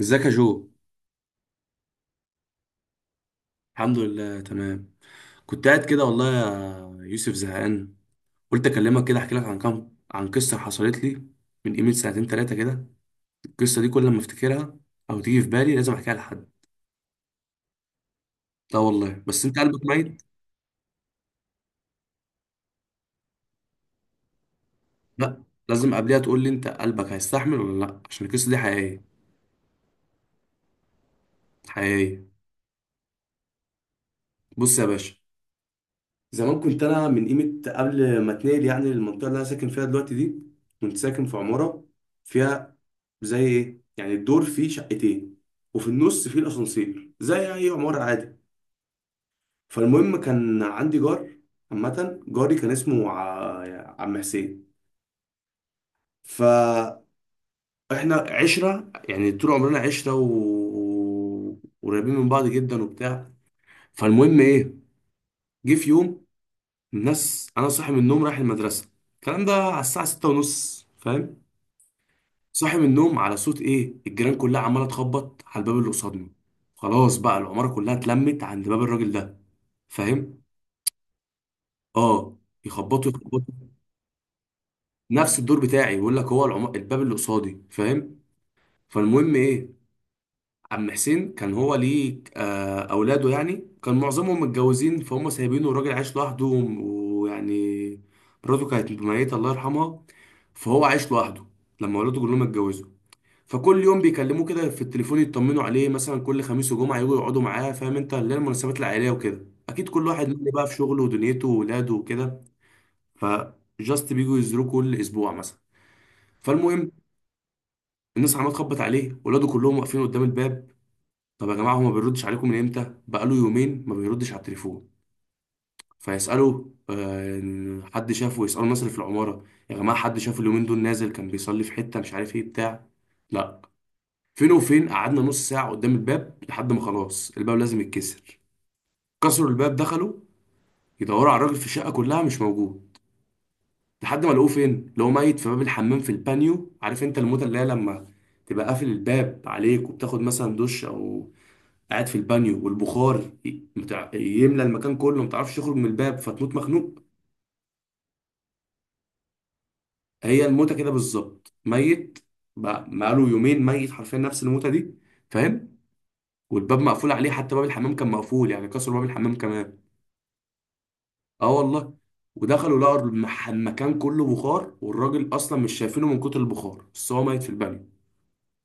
ازيك يا جو؟ الحمد لله، تمام. كنت قاعد كده والله يا يوسف، زهقان. قلت اكلمك كده احكي لك عن كام، عن قصه حصلت لي من قيمه سنتين ثلاثه كده. القصه دي كل ما افتكرها او تيجي في بالي لازم احكيها لحد. لا والله، بس انت قلبك ميت. لا، لازم قبلها تقول لي انت قلبك هيستحمل ولا لا، عشان القصه دي حقيقيه. حقيقيه. بص يا باشا، زمان كنت انا من قيمه قبل ما اتنقل يعني للمنطقه اللي انا ساكن فيها دلوقتي دي. كنت ساكن في عماره، فيها، زي ايه يعني، الدور فيه شقتين وفي النص فيه الاسانسير، زي اي عماره عادي. فالمهم، كان عندي جار. عامه جاري كان اسمه عم حسين. فاحنا عشره يعني، طول عمرنا عشره وقريبين من بعض جدا وبتاع. فالمهم ايه، جه في يوم، الناس، انا صاحي من النوم رايح المدرسه، الكلام ده على الساعه 6:30، فاهم؟ صاحي من النوم على صوت ايه؟ الجيران كلها عماله تخبط على الباب اللي قصادنا. خلاص بقى العماره كلها اتلمت عند باب الراجل ده، فاهم؟ اه. يخبطوا يخبطوا. نفس الدور بتاعي، يقول لك هو العم... الباب اللي قصادي، فاهم؟ فالمهم ايه، عم حسين كان هو ليه اولاده يعني كان معظمهم متجوزين، فهم سايبينه الراجل عايش لوحده، ويعني مراته كانت ميتة الله يرحمها، فهو عايش لوحده لما ولاده كلهم اتجوزوا. فكل يوم بيكلموه كده في التليفون، يطمنوا عليه مثلا، كل خميس وجمعة يجوا يقعدوا معاه، فاهم انت؟ اللي هي المناسبات العائلية وكده. اكيد كل واحد مني بقى في شغله ودنيته وولاده وكده، فجاست بيجوا يزوروه كل اسبوع مثلا. فالمهم، الناس عماله تخبط عليه، ولاده كلهم واقفين قدام الباب. طب يا جماعة، هو ما بيردش عليكم من امتى؟ بقاله يومين ما بيردش على التليفون. فيسألوا حد شافه؟ يسألوا الناس اللي في العمارة، يا جماعة حد شافه اليومين دول؟ نازل كان بيصلي في حتة، مش عارف ايه بتاع لا. فين وفين، قعدنا نص ساعة قدام الباب لحد ما خلاص الباب لازم يتكسر. كسروا الباب، دخلوا يدوروا على الراجل في الشقة كلها، مش موجود. لحد ما لقوه فين؟ لقوه ميت في باب الحمام في البانيو. عارف انت الموتة اللي هي لما تبقى قافل الباب عليك وبتاخد مثلا دش، او قاعد في البانيو والبخار يملى المكان كله، ما تعرفش تخرج من الباب فتموت مخنوق؟ هي الموتة كده بالظبط، ميت بقى بقاله يومين، ميت حرفيا نفس الموتة دي، فاهم؟ والباب مقفول عليه، حتى باب الحمام كان مقفول يعني، كسروا باب الحمام كمان. اه والله. ودخلوا، لقوا المكان كله بخار، والراجل اصلا مش شايفينه من كتر البخار، بس هو ميت في البانيو.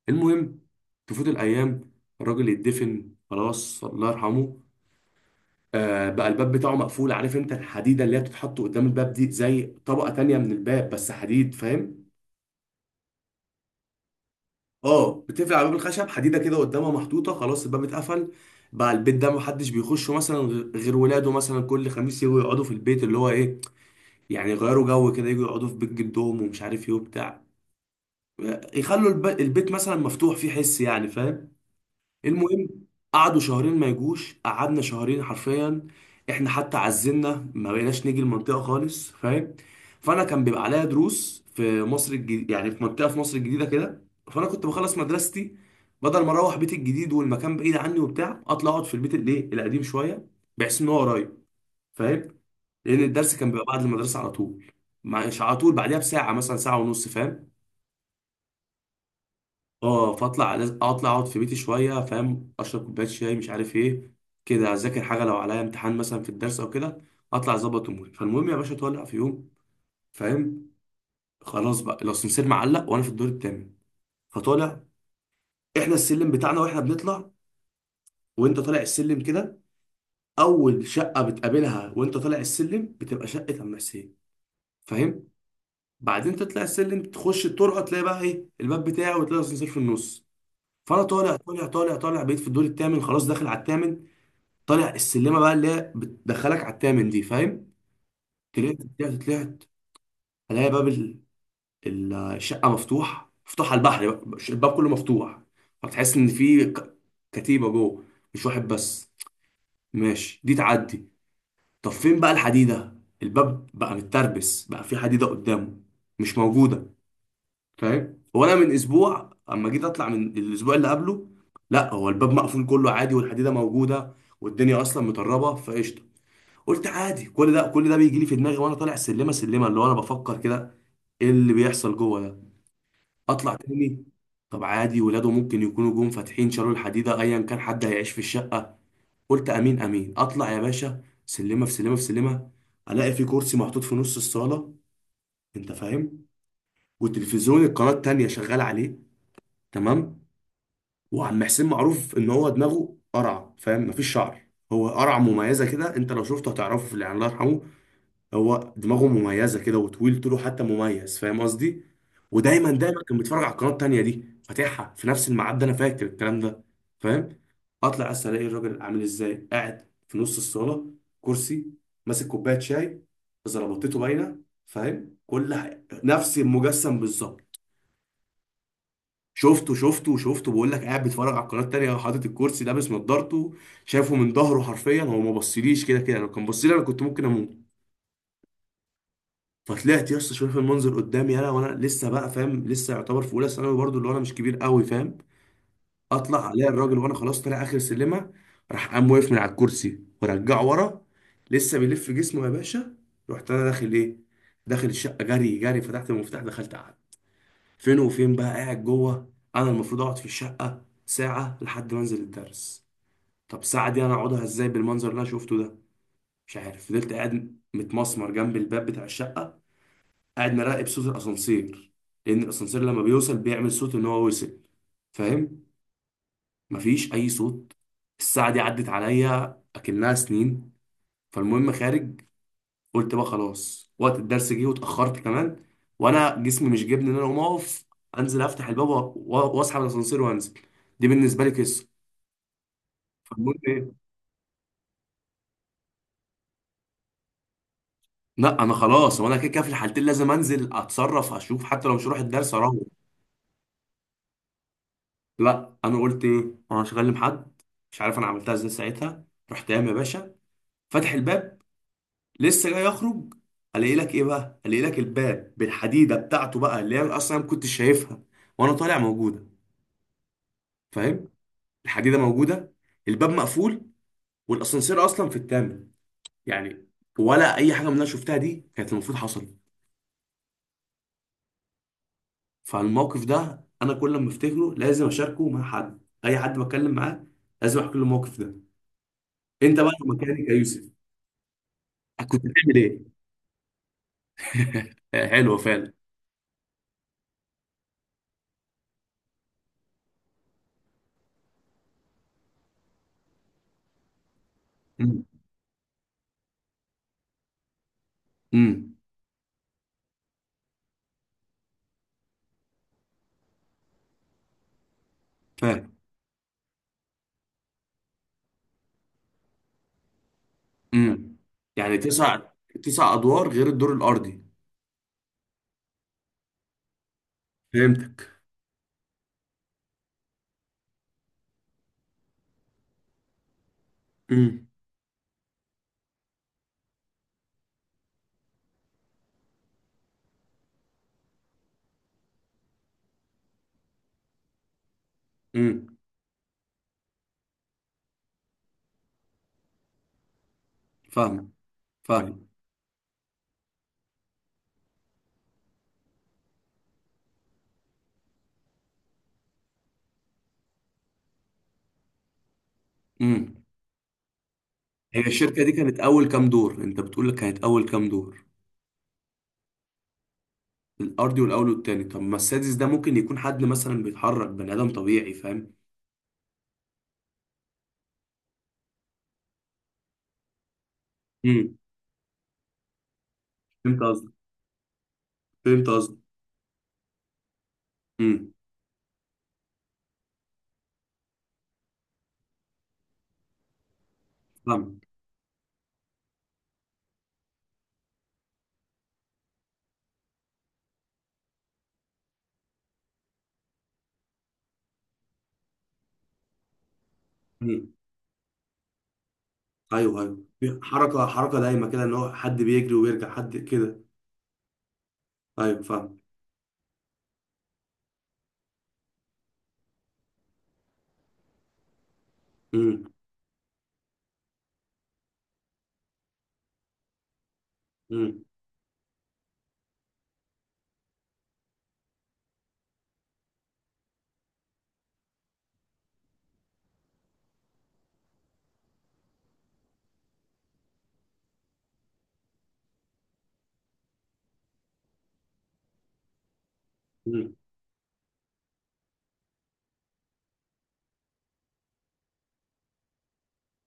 المهم، تفوت الايام، الراجل يتدفن خلاص، الله يرحمه. آه، بقى الباب بتاعه مقفول. عارف انت الحديده اللي هي بتتحط قدام الباب دي، زي طبقه تانية من الباب بس حديد، فاهم؟ اه، بتقفل على باب الخشب، حديده كده قدامها محطوطه. خلاص، الباب اتقفل. بقى البيت ده محدش بيخشه مثلا، غير ولاده، مثلا كل خميس يجوا يقعدوا في البيت اللي هو ايه، يعني يغيروا جو كده، يجوا يقعدوا في بيت جدهم، ومش عارف ايه وبتاع. يخلوا البيت مثلا مفتوح، فيه حس يعني، فاهم؟ المهم، قعدوا شهرين ما يجوش، قعدنا شهرين حرفيا. احنا حتى عزلنا، ما بقيناش نيجي المنطقه خالص، فاهم؟ فانا كان بيبقى عليا دروس في مصر الجديدة، يعني في منطقه في مصر الجديده كده. فانا كنت بخلص مدرستي، بدل ما اروح بيتي الجديد والمكان بعيد عني وبتاع، اطلع اقعد في البيت الايه القديم شويه، بحيث ان هو قريب، فاهم؟ لان الدرس كان بيبقى بعد المدرسه على طول، مش على طول، بعدها بساعه مثلا، ساعه ونص، فاهم؟ اه، فاطلع، لازم اطلع اقعد في بيتي شويه، فاهم؟ اشرب كوبايه شاي، مش عارف ايه كده، اذاكر حاجه لو عليا امتحان مثلا في الدرس او كده، اطلع اظبط اموري. فالمهم يا باشا، طالع في يوم، فاهم؟ خلاص بقى، لو السمسير معلق وانا في الدور التامن، فطالع. احنا السلم بتاعنا واحنا بنطلع، وانت طالع السلم كده، اول شقه بتقابلها وانت طالع السلم بتبقى شقه عم حسين، فاهم؟ بعدين تطلع السلم، تخش الطرقه، تلاقي بقى ايه الباب بتاعه، وتلاقي السمسير في النص. فانا طالع طالع طالع طالع، بقيت في الدور التامن، خلاص داخل على التامن. طالع السلمه بقى اللي هي بتدخلك على التامن دي، فاهم؟ طلعت طلعت طلعت، الاقي باب الشقه مفتوح، مفتوح على البحر بقى، الباب كله مفتوح. فتحس ان في كتيبه جوه، مش واحد بس. ماشي، دي تعدي. طب فين بقى الحديده؟ الباب بقى متربس، بقى في حديده قدامه، مش موجوده، فاهم؟ وانا من اسبوع، اما جيت اطلع من الاسبوع اللي قبله، لا هو الباب مقفول كله عادي، والحديده موجوده، والدنيا اصلا مطربه فقشطه. قلت عادي. كل ده كل ده بيجي لي في دماغي وانا طالع السلمه سلمه، اللي هو انا بفكر كده، ايه اللي بيحصل جوه ده؟ اطلع تاني. طب عادي، ولاده ممكن يكونوا جم فاتحين، شالوا الحديده، ايا كان حد هيعيش في الشقه. قلت امين امين، اطلع يا باشا سلمه في سلمه في سلمه. الاقي في كرسي محطوط في نص الصاله، انت فاهم؟ والتلفزيون القناه التانيه شغال عليه، تمام. وعم حسين معروف ان هو دماغه قرع، فاهم؟ مفيش شعر. هو قرع مميزه كده، انت لو شفته هتعرفه، في اللي الله يرحمه، هو دماغه مميزه كده، وطويل طوله حتى مميز، فاهم قصدي؟ ودايما دايما كان بيتفرج على القناه التانيه دي، فاتحها في نفس الميعاد ده. انا فاكر الكلام ده، فاهم؟ اطلع بس الاقي الراجل عامل ازاي، قاعد في نص الصاله، كرسي، ماسك كوبايه شاي، زلطته باينه، فاهم؟ كل حاجه نفس المجسم بالظبط. شفته شفته شفته، بقول لك قاعد بيتفرج على القناه التانيه، حاطط الكرسي، لابس نضارته، شايفه من ظهره حرفيا، هو ما بصليش كده كده، لو كان بصلي انا كنت ممكن اموت. فطلعت يا اسطى، شايف المنظر قدامي انا وانا لسه بقى، فاهم؟ لسه يعتبر في اولى ثانوي برضه، اللي هو انا مش كبير قوي، فاهم؟ اطلع الاقي الراجل وانا خلاص طالع اخر سلمه، راح قام واقف من على الكرسي ورجعه ورا، لسه بيلف جسمه يا باشا. رحت انا داخل ايه؟ داخل الشقه جري جري، فتحت المفتاح، دخلت، قعدت. فين وفين بقى قاعد جوه؟ انا المفروض اقعد في الشقه ساعه لحد ما انزل الدرس. طب ساعه دي انا اقعدها ازاي بالمنظر اللي انا شفته ده؟ مش عارف. فضلت قاعد متمسمر جنب الباب بتاع الشقه، قاعد مراقب صوت الاسانسير. لان الاسانسير لما بيوصل بيعمل صوت ان هو وصل، فاهم؟ مفيش اي صوت. الساعه دي عدت عليا اكنها سنين. فالمهم، خارج. قلت بقى خلاص، وقت الدرس جه واتاخرت كمان، وانا جسمي مش جابني ان انا اقوم اقف، انزل افتح الباب واسحب الاسانسير وانزل. دي بالنسبه لي قصه. فالمهم ايه، لا انا خلاص، وانا كده كده في الحالتين لازم انزل اتصرف اشوف، حتى لو مش هروح الدرس اروح. لا، انا قلت ايه؟ انا مش هكلم حد. مش عارف انا عملتها ازاي ساعتها. رحت قايم يا باشا، فاتح الباب، لسه جاي اخرج، الاقي لك ايه بقى؟ الاقي لك الباب بالحديده بتاعته بقى، اللي هي اصلا ما كنتش شايفها وانا طالع، موجوده، فاهم؟ الحديده موجوده، الباب مقفول، والاسانسير اصلا في الثامن. يعني ولا اي حاجه من اللي انا شفتها دي كانت المفروض حصلت. فالموقف ده انا كل ما افتكره لازم اشاركه مع حد، اي حد بتكلم معاه لازم احكي له الموقف ده. انت بقى لو مكاني يا يوسف كنت بتعمل ايه؟ حلوه فعلا. امم. امم. فاهم. امم. يعني تسع، تسع ادوار غير الدور الارضي. فهمتك. امم. امم. فاهم. فاهم. امم. هي الشركه دي كانت اول كام دور؟ انت بتقول لك كانت اول كام دور؟ الارضي والاول والتاني. طب ما السادس ده ممكن يكون حد مثلا بيتحرك، بني ادم طبيعي، فاهم؟ امم. فهمت قصدك. فهمت قصدك. امم. فاهم. امم. ايوه. ايوه، حركه حركه دايمه كده، ان هو حد بيجري ويرجع حد كده. ايوه فاهم. امم. امم.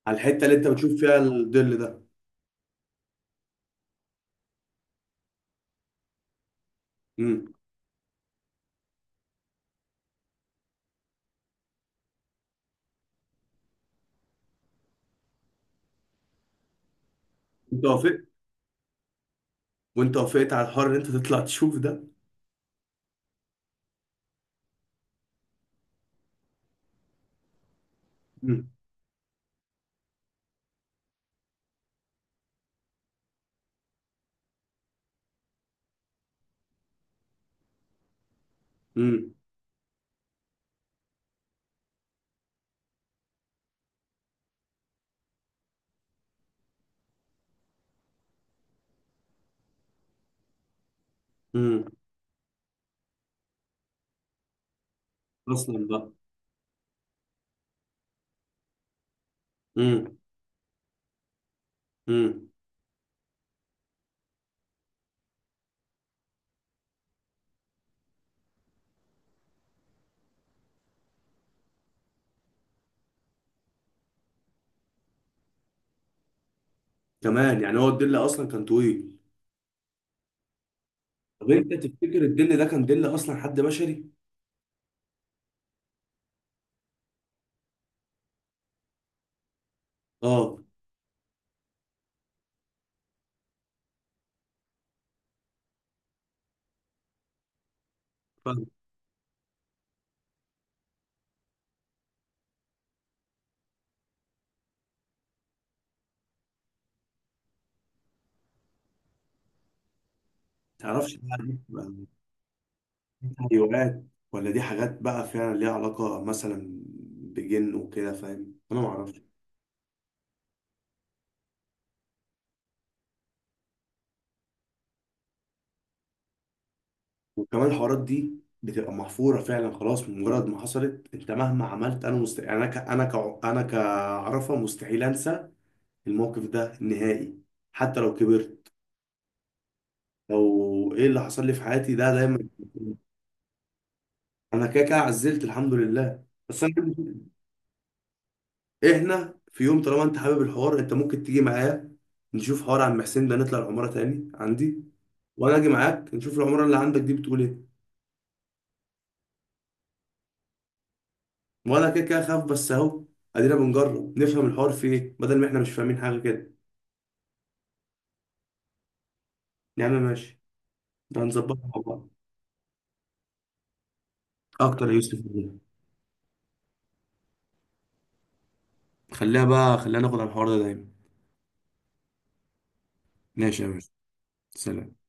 على الحته اللي انت بتشوف فيها الظل ده. امم. انت وافقت؟ وانت وافقت على الحر ان انت تطلع تشوف ده؟ امم. امم. امم. اصلا بقى. امم. امم. كمان يعني، هو الظل اصلا كان طويل؟ طب انت تفتكر الظل ده كان ظل اصلا حد بشري؟ اه فاهم. ما تعرفش بقى دي بتبقى تهيؤات، ولا دي حاجات بقى فعلا ليها علاقه مثلا بجن وكده، فاهم؟ انا ما اعرفش. وكمان الحوارات دي بتبقى محفوره فعلا، خلاص مجرد ما حصلت انت مهما عملت، انا مست... يعني انا ك... انا ك... انا كعرفه مستحيل انسى الموقف ده نهائي، حتى لو كبرت، لو ايه اللي حصل لي في حياتي ده دايما. انا كده كده عزلت الحمد لله، بس انا احنا في يوم طالما انت حابب الحوار انت ممكن تيجي معايا نشوف حوار عم حسين ده، نطلع العماره تاني عندي، وانا اجي معاك نشوف العماره اللي عندك دي بتقول ايه. وانا كده كده خاف، بس اهو ادينا بنجرب، نفهم الحوار في ايه بدل ما احنا مش فاهمين حاجه كده. يا عم ماشي. ده هنظبطها مع بعض. اكتر يا يوسف والله. خليها بقى، خلينا ناخد على الحوار ده دايما. ماشي يا باشا. سلام.